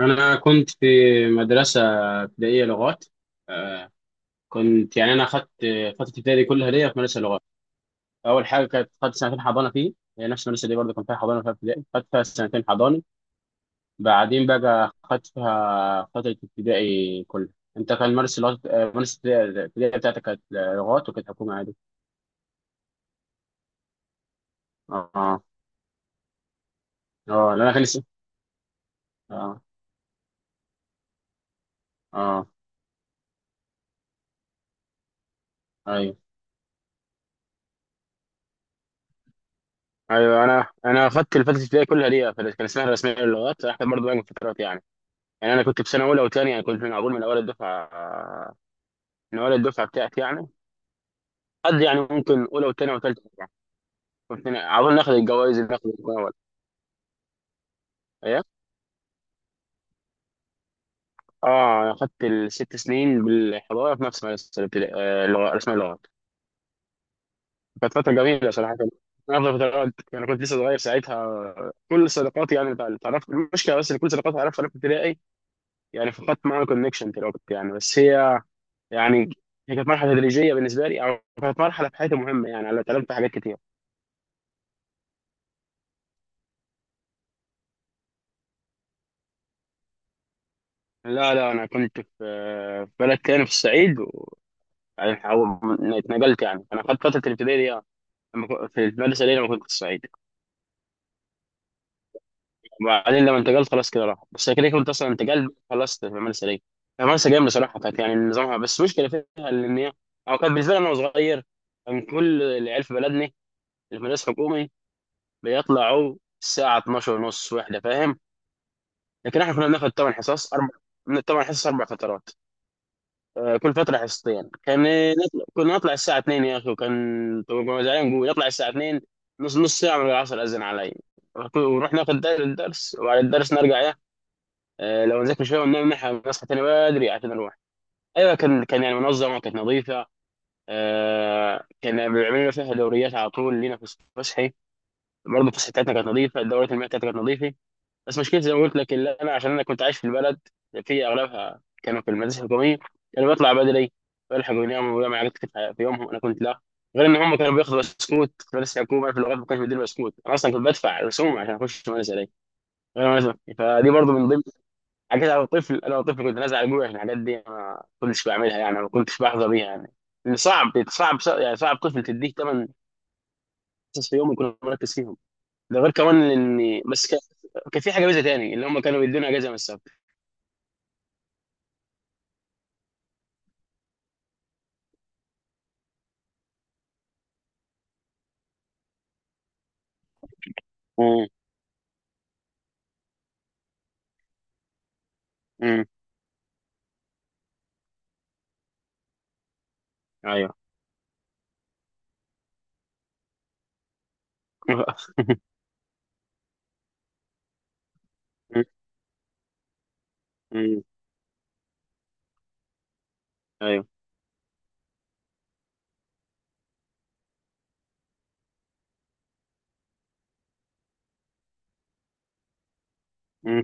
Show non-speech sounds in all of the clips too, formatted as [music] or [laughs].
أنا كنت في مدرسة ابتدائية لغات آه، كنت يعني أنا أخدت فترة ابتدائي كلها ليا في مدرسة لغات. أول حاجة كانت خدت سنتين حضانة فيه، هي نفس المدرسة دي برضه كان فيها حضانة وفيها ابتدائي، خدت فيها سنتين حضانة، بعدين بقى خدت فيها فترة ابتدائي كلها. أنت كان مدرسة لغات مدرسة الابتدائي بتاعتك كانت لغات وكانت حكومة عادي؟ أه أه. لا، أنا كان لسه. أه أه. أيوه أيوه. أنا أخدت الفترة الابتدائية كلها ليا، كان اسمها الرسمية للغات، أحسن برضه بقى من فترات يعني انا كنت في سنه اولى وثانيه، يعني كنت من اقول من اول الدفعه بتاعتي يعني. قد يعني ممكن اولى وثانيه وثالثه يعني، كنت على طول ناخد الجوائز اللي ناخد الاول. ايه. اه اخدت الست سنين بالحضاره في نفس مدرسه الابتدائي، رسم اللغات. كانت فتره جميله صراحه، من افضل فترات. انا كنت لسه صغير ساعتها، كل صداقاتي يعني اللي تعرفت. المشكله بس ان كل صداقاتي اعرفها انا في ابتدائي، يعني فقدت معاهم كونكشن في الوقت يعني. بس يعني هي كانت مرحله تدريجيه بالنسبه لي، او كانت مرحله في حياتي مهمه، يعني انا اتعلمت حاجات كتير. لا لا، انا كنت في بلد تاني في الصعيد يعني اتنقلت. يعني انا خدت فتره الابتدائي دي يعني في المدرسه دي لما كنت في الصعيد، وبعدين لما انتقلت خلاص كده راح. بس كده كنت اصلا انتقلت خلصت في المدرسه دي. المدرسه جامده صراحه، كانت يعني نظامها، بس مشكله فيها ان هي او كان بالنسبه لي انا صغير. كان كل العيال في بلدنا اللي في مدرسه حكومي بيطلعوا الساعه 12 ونص واحده، فاهم؟ لكن احنا كنا بناخد 8 حصص اربع، من الثمان حصص 4 فترات، كل فترة حصتين. كان نطلع كنا نطلع الساعة 2 يا أخي، وكان طبعا زعلان نقول نطلع الساعة 2 نص ساعة من العصر أذن علي. ونروح ناخذ دار الدرس، وبعد الدرس نرجع، يا آه، لو نذاكر شوية وننام، نصحى تاني بدري عشان نروح. أيوة كان يعني منظمة، كانت نظيفة. كان بيعملوا لنا فيها دوريات على طول، لينا في الصبح صحي برضه، تصحيحاتنا كانت نظيفة، الدورات المياه بتاعتنا كانت نظيفة. بس مشكلتي زي ما قلت لك، اللي انا عشان انا كنت عايش في البلد، في اغلبها كانوا في المدارس الحكوميه، انا بطلع بدري. والحق يناموا ويعمل حاجات كتير في يومهم انا كنت لا. غير ان هم كانوا بياخدوا بسكوت في مدرسه الحكومه، في اللغات ما كانش بيديني بسكوت، انا اصلا كنت بدفع رسوم عشان اخش المدرسه دي غير المدرسة. فدي برضو من ضمن حاجات، انا طفل انا طفل كنت نازل على ابويا عشان الحاجات دي ما كنتش بعملها يعني، ما كنتش بحظى بيها يعني. لأن صعب صعب يعني صعب طفل تديه 8 حصص في يوم يكون مركز فيهم. ده غير كمان ان بس كان في حاجه ميزه تاني اللي هم كانوا بيدونا اجازه من السفر. مم. مم. ايوه. [laughs] مم. ايوه. مم.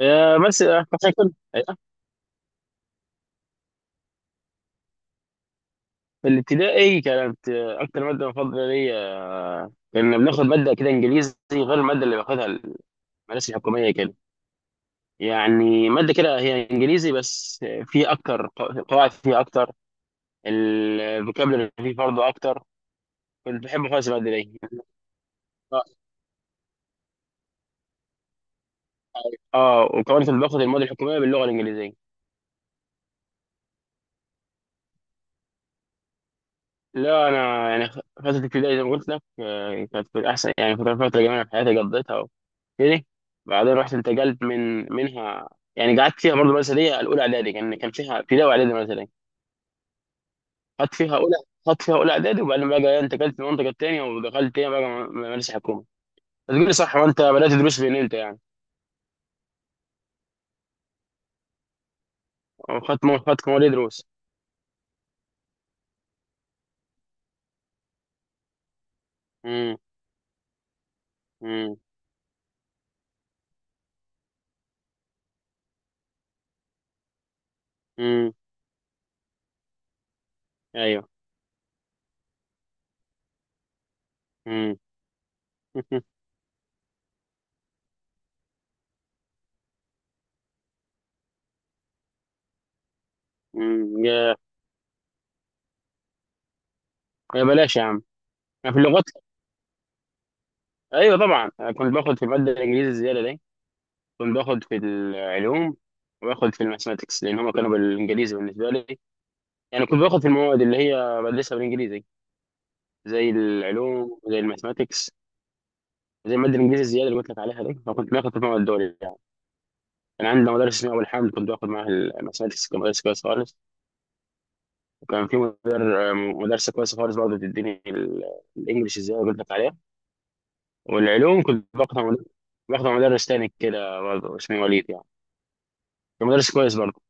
بس عشان كده أيوة. في الابتدائي كانت اكتر ماده مفضله ليا، كنا بناخد ماده كده انجليزي غير الماده اللي باخدها المدارس الحكوميه كده. يعني ماده كده هي انجليزي بس في اكتر قواعد فيها اكتر، الفوكابلري فيه برضه اكتر. كنت بحب خالص الماده دي. اه. وكمان كنت باخد المواد الحكوميه باللغه الانجليزيه. لا انا يعني فتره الابتدائي زي ما قلت لك كانت في الاحسن، يعني فتره جميله في حياتي قضيتها وكده. بعدين رحت انتقلت منها، يعني قعدت فيها برضه مثليه الاولى اعدادي. كان فيها ابتدائي واعدادي مثليه. خدت فيها اولى خدت فيها اولى اعدادي، وبعدين بقى انتقلت للمنطقه الثانيه ودخلت تاني بقى مدرسه حكومه. تقول لي صح وانت بدات تدرس فين انت يعني. خدت خدت مواد دروس. امم. امم. امم. ايوه. امم. [laughs] امم. يا بلاش يا عم. أنا في اللغات، ايوه طبعا، أنا كنت باخد في الماده الانجليزي الزياده دي، كنت باخد في العلوم، وباخد في الماثماتكس لان هم كانوا بالانجليزي بالنسبه لي. يعني كنت باخد في المواد اللي هي بدرسها بالانجليزي، زي العلوم زي الماثماتكس زي الماده الانجليزي الزياده اللي قلت لك عليها دي، فكنت باخد في المواد دول يعني. كان عندنا مدرس اسمه ابو الحمد، كنت باخد معاه الماثماتكس، كان مدرس كويس خالص. وكان في مدرسه كويسه خالص برضه بتديني الانجليش الزياده اللي قلت لك عليها. والعلوم كنت باخدها مدرس تاني كده برضه اسمه وليد يعني، كان مدرس كويس برضه.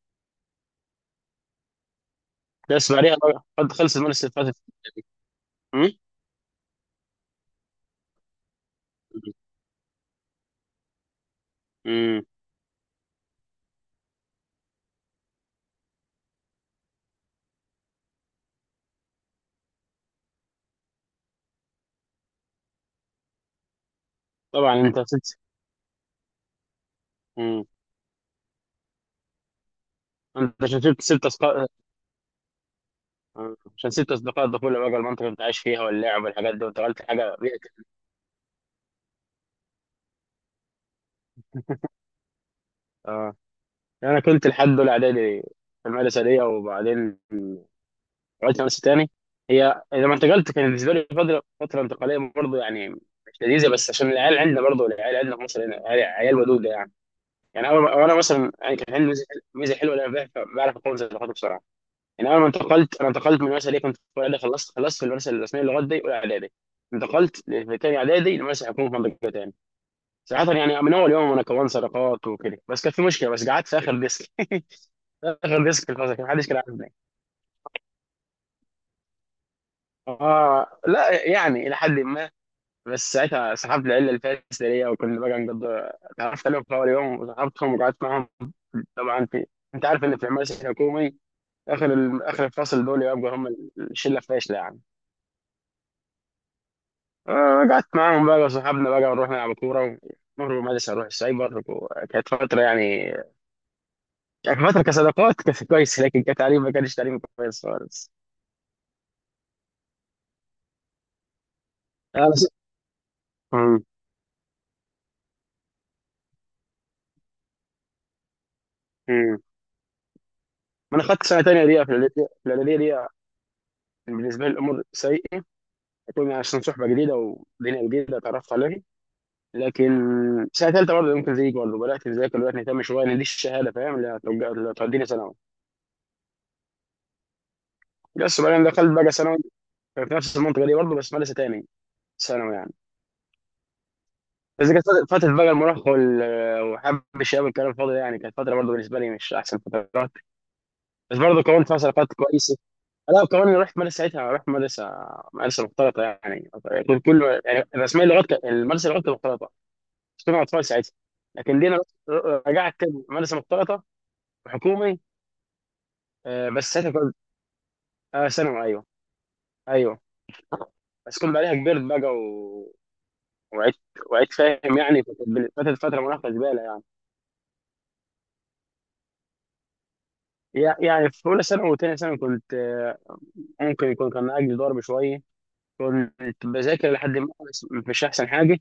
بس خلصت المدرسه اللي فاتت. امم. طبعا انت سبت. امم. انت عشان سبت اصدقاء. آه. عشان سبت اصدقاء الطفوله بقى، المنطقه اللي انت عايش فيها واللعب والحاجات دي، وانتقلت حاجه بيئتك. اه انا كنت لحد اولى اعدادي في المدرسه دي، وبعدين رجعت مدرسه تاني. هي لما انتقلت كان بالنسبه لي فتره انتقاليه برضه يعني مش لذيذه، بس عشان العيال عندنا برضه، العيال عندنا في مصر هنا عيال عيال ودوده يعني. يعني أنا مثلا يعني كان عندي ميزة حلوه، إن انا بعرف اكون صداقات بسرعه. يعني انا لما انتقلت، انا انتقلت من المدرسه اللي كنت في اولى اعدادي، خلصت في المدرسه الرسميه للغات دي اولى اعدادي. انتقلت في تاني اعدادي المدرسه حكومه في منطقه تاني، صراحه يعني من اول يوم انا كونت صداقات وكده. بس كان في مشكله، بس قعدت في اخر ديسك. [laughs] اخر ديسك في الفصل كان محدش كان عارفني. اه لا يعني الى حد ما. بس ساعتها سحبت العيله الفاسده ليا، وكنا بقى نقضي، تعرفت عليهم في اول يوم وسحبتهم وقعدت معاهم. طبعا في، انت عارف ان في المدرسه الحكومي، اخر الفصل دول يبقوا هم الشله الفاشله يعني. قعدت معاهم بقى صحابنا بقى، ونروح نلعب كورة، ونهرب من المدرسة نروح السايبر. وكانت فترة يعني كانت فترة كصداقات كانت كويسة، لكن كتعليم ما كانش تعليم كويس خالص. أنا س... مم. مم. ما أنا خدت سنة تانية دي في الإعدادية دي كان بالنسبة لي الأمور سيئة، كنا عشان صحبة جديدة ودنيا جديدة اتعرفت عليها. لكن سنة تالتة برضه ممكن زيك برضه بدأت أذاكر، بدأت نهتم شوية إن دي الشهادة، فاهم؟ اللي هتوديني ثانوي. بس بعدين دخلت بقى ثانوي في نفس المنطقة دي برضه، بس مدرسة تاني ثانوي يعني. بس كانت فترة بقى المراهقة وحب الشباب والكلام الفاضي ده يعني، كانت فترة برضه بالنسبة لي مش أحسن فترات، بس برضه كونت فترات كويسة. لا كمان رحت مدرسة ساعتها، رحت مدرسة مختلطة يعني. كنت كله يعني رسميا اللغات المدرسة اللغات كانت مختلطة، بس كنا أطفال ساعتها، لكن دينا رجعت كده مدرسة مختلطة حكومي. بس ساعتها كنت. آه ثانوي أيوه. أيوه. بس كنت بعدها كبرت بقى وعدت وعدت فاهم يعني، فكانت فترة مراهقة زبالة يعني. يعني في اولى ثانوي وثانيه ثانوي كنت ممكن يكون كان اجلي ضرب شويه، كنت بذاكر لحد ما، بس مش احسن حاجه.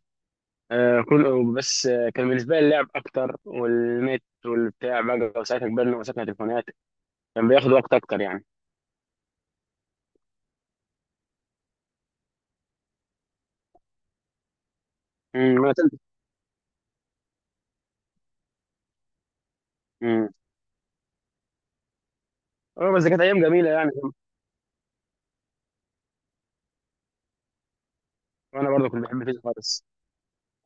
كل بس كان بالنسبه لي اللعب اكتر والنت والبتاع بقى، وساعتها كبرنا ومسكنا تليفونات، كان بياخد وقت اكتر يعني. امم. انا تلت امم. اه بس كانت ايام جميله يعني. وانا برضه كنت بحب الفيزياء خالص.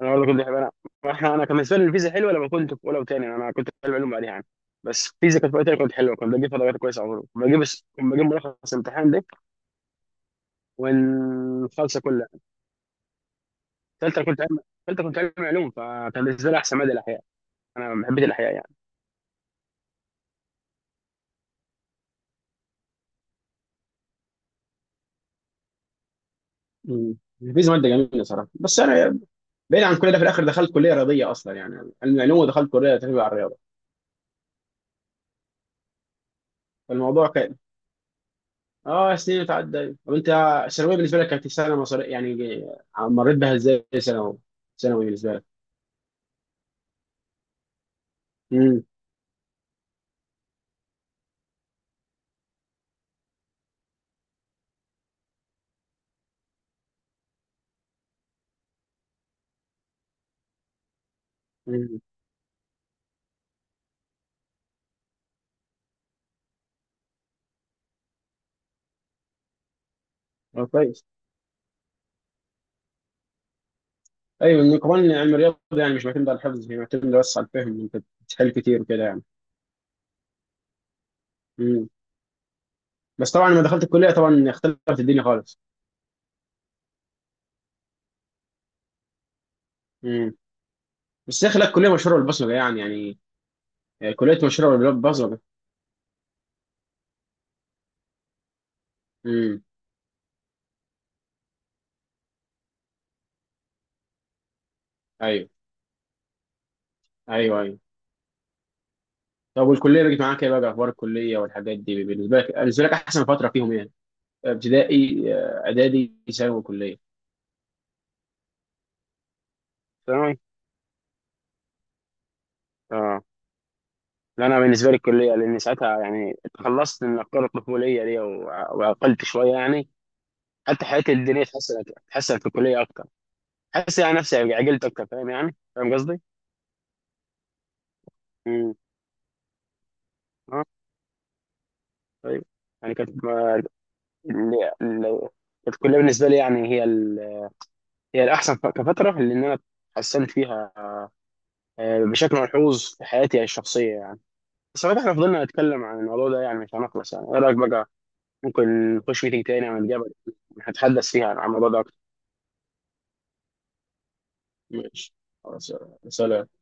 انا برضه كنت بحب انا [laughs] انا كان بالنسبه لي الفيزياء حلوه، لما كنت في اولى وثانيه انا كنت في علوم بعدها يعني. بس الفيزياء كانت في وقتها كنت حلوه، كنت بجيب فيها درجات كويسه. عمره كنت بجيب ملخص الامتحان والخالصه كلها. ثالثه كنت علم ثالثه كنت علم علوم، فكان بالنسبه لي احسن ماده الاحياء، انا حبيت الاحياء يعني. مم. الفيزياء ماده جميله صراحه، بس انا بعيد عن كل ده، في الاخر دخلت كليه رياضيه اصلا يعني، علم علوم ودخلت كليه تربيه على الرياضه. فالموضوع كان، اه سنين اتعدى. طب انت الثانويه بالنسبه لك كانت سنه مصريه يعني، مريت بها ازاي ثانوي؟ ثانوي بالنسبه لك. امم. امم. اه كويس. ايوه إن كمان علم الرياضه يعني مش معتمد على الحفظ، هي معتمد بس على الفهم، انت بتحل كتير وكده يعني. بس طبعا لما دخلت الكليه طبعا اختلفت الدنيا خالص. امم. بس يا اخي لا، الكليه مشهوره بالبصمجه، يعني كليه مشهوره بالبصمجه. امم. ايوه. ايوه. ايوه. طب والكليه بقت معاك ايه بقى؟ اخبار الكليه والحاجات دي بالنسبه لك احسن فتره فيهم ايه؟ ابتدائي اعدادي ثانوي كليه؟ ثانوي اه. لا انا بالنسبه لي الكليه، لان ساعتها يعني تخلصت من افكار الطفوليه دي وعقلت شويه يعني. حتى حياتي الدينيه اتحسنت في الكليه اكتر. حاسس يعني نفسي عقلت اكتر، فاهم يعني؟ فاهم قصدي؟ امم. ايوه. يعني كانت ما- ال- ال- كانت كلها بالنسبه لي يعني، هي هي الاحسن كفتره، لان انا اتحسنت فيها بشكل ملحوظ في حياتي الشخصيه يعني. بس لو احنا فضلنا نتكلم عن الموضوع ده يعني مش هنخلص، يعني ايه رايك بقى، ممكن نخش ميتنج تاني عن الجبل نتحدث فيها عن الموضوع ده اكتر. ماشي. خلاص يلا. سلام.